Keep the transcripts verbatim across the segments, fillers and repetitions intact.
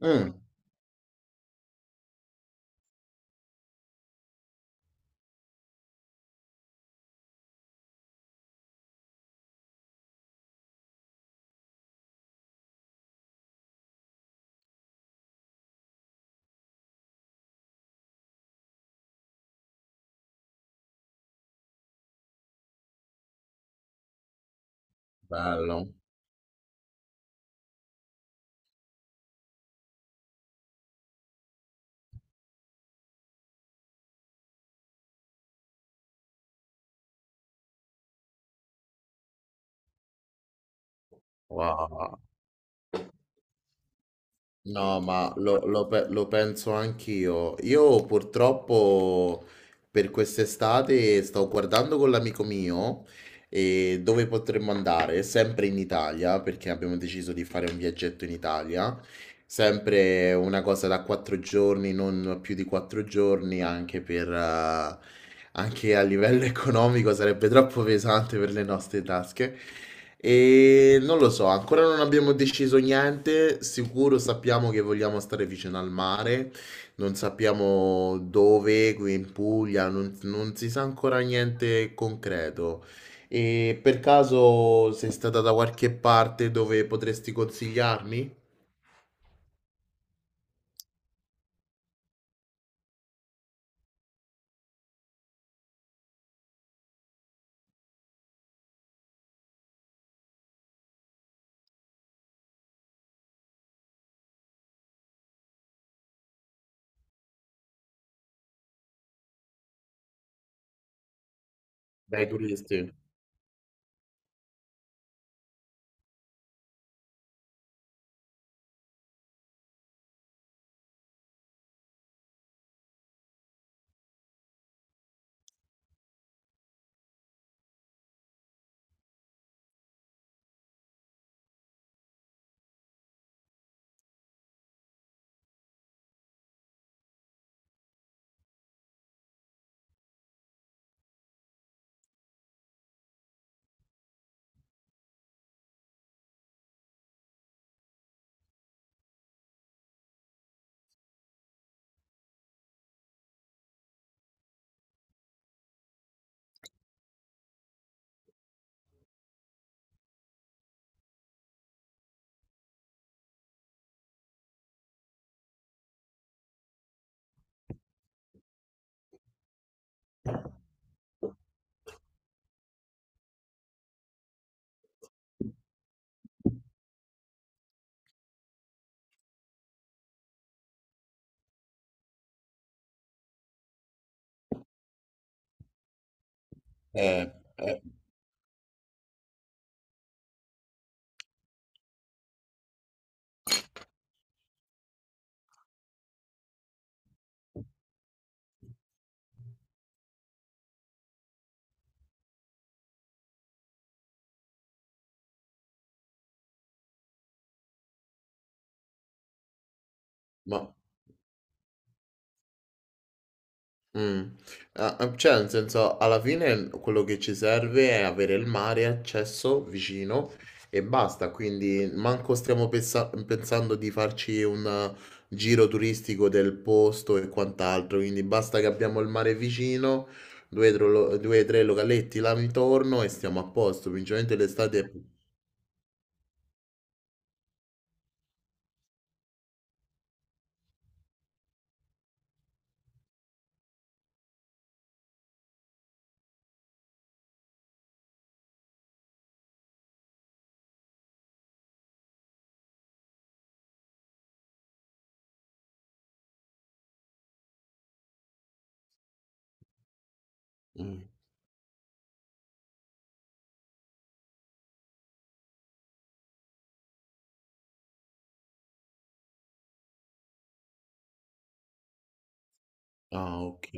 Mh, bello. Wow. No, ma lo lo pe lo penso anch'io. Io purtroppo per quest'estate stavo guardando con l'amico mio, e dove potremmo andare? Sempre in Italia, perché abbiamo deciso di fare un viaggetto in Italia. Sempre una cosa da quattro giorni, non più di quattro giorni, anche per, eh, anche a livello economico sarebbe troppo pesante per le nostre tasche. E non lo so, ancora non abbiamo deciso niente. Sicuro sappiamo che vogliamo stare vicino al mare, non sappiamo dove, qui in Puglia, non, non si sa ancora niente concreto. E per caso sei stata da qualche parte dove potresti consigliarmi? Dai turisti. Eh, eh, ma... mm. Ah, ah, cioè, nel senso, alla fine quello che ci serve è avere il mare, accesso vicino e basta. Quindi manco stiamo pensa- pensando di farci un giro turistico del posto e quant'altro. Quindi basta che abbiamo il mare vicino, due o tre localetti là intorno e stiamo a posto. Principalmente l'estate... è- mm. Ah, ok.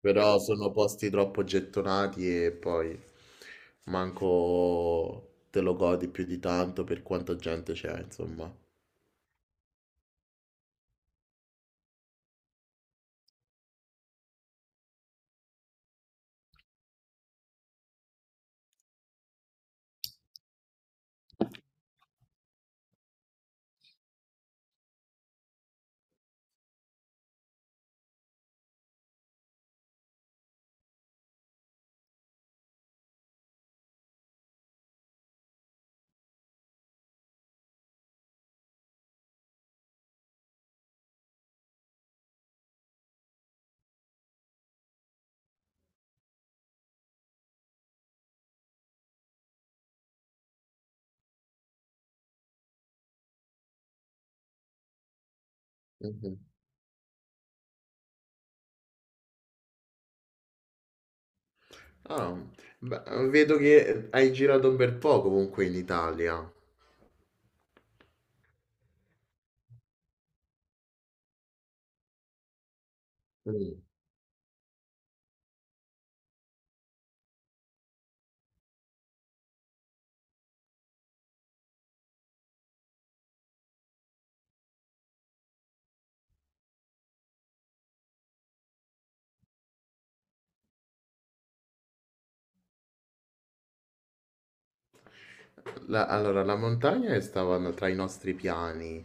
Però sono posti troppo gettonati e poi manco te lo godi più di tanto per quanta gente c'è, insomma. Mhm. Ah, beh, vedo che hai girato un bel po' comunque in Italia. Mm. La- allora, la montagna è- stava tra i nostri piani,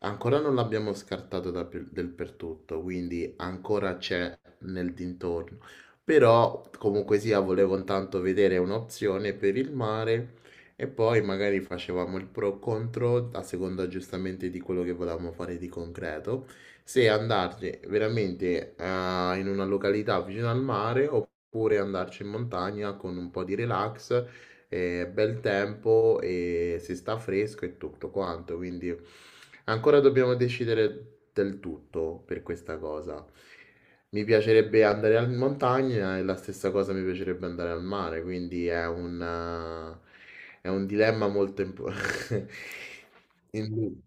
ancora non l'abbiamo scartato da per- del per tutto, quindi ancora c'è nel dintorno. Però comunque sia, volevo intanto vedere un'opzione per il mare e poi magari facevamo il pro contro a seconda giustamente di quello che volevamo fare di concreto, se andarci veramente eh, in una località vicino al mare oppure andarci in montagna con un po' di relax è bel tempo e si sta fresco e tutto quanto, quindi ancora dobbiamo decidere del tutto per questa cosa. Mi piacerebbe andare in montagna e la stessa cosa mi piacerebbe andare al mare, quindi è un, eh, è un dilemma molto importante.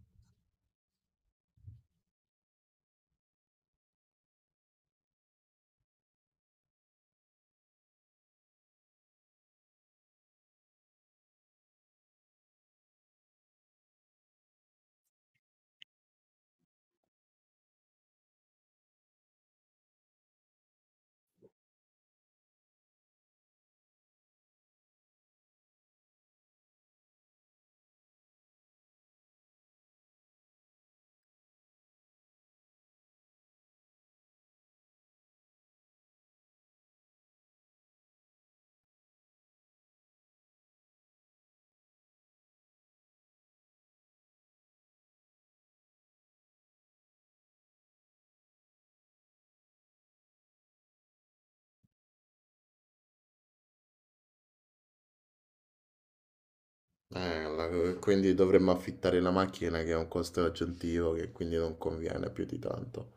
Quindi dovremmo affittare la macchina che è un costo aggiuntivo che quindi non conviene più di tanto.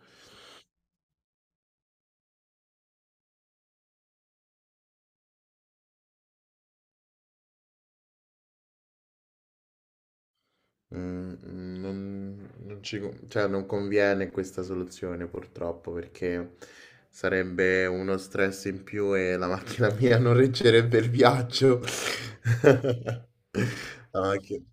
Mhmm, mhmm, non non ci co cioè non conviene questa soluzione purtroppo, perché sarebbe uno stress in più e la macchina mia non reggerebbe il viaggio. La macchi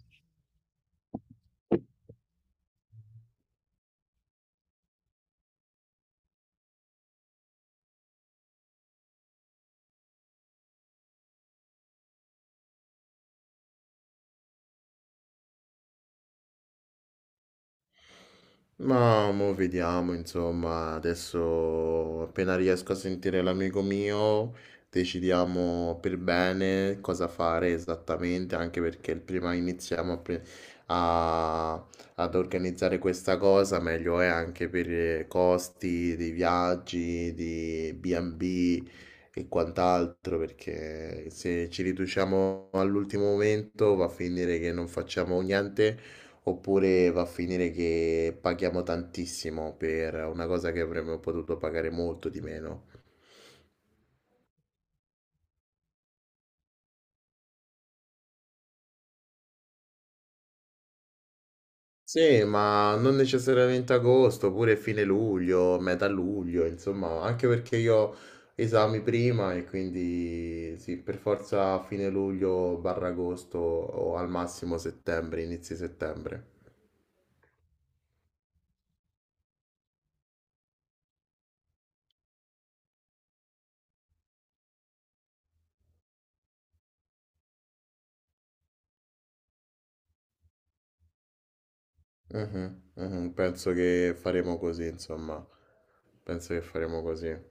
Ma mo vediamo, insomma, adesso appena riesco a sentire l'amico mio, decidiamo per bene cosa fare esattamente, anche perché prima iniziamo a pre- a- ad organizzare questa cosa, meglio è anche per eh, costi dei viaggi, di bi e bi e B e quant'altro, perché se ci riduciamo all'ultimo momento va a finire che non facciamo niente. Oppure va a finire che paghiamo tantissimo per una cosa che avremmo potuto pagare molto di meno. Sì, ma non necessariamente agosto, pure fine luglio, metà luglio, insomma, anche perché io ho esami prima e quindi sì, per forza fine luglio barra agosto o al massimo settembre, inizi settembre. Mhm, mhm, penso che faremo così, insomma, penso che faremo così.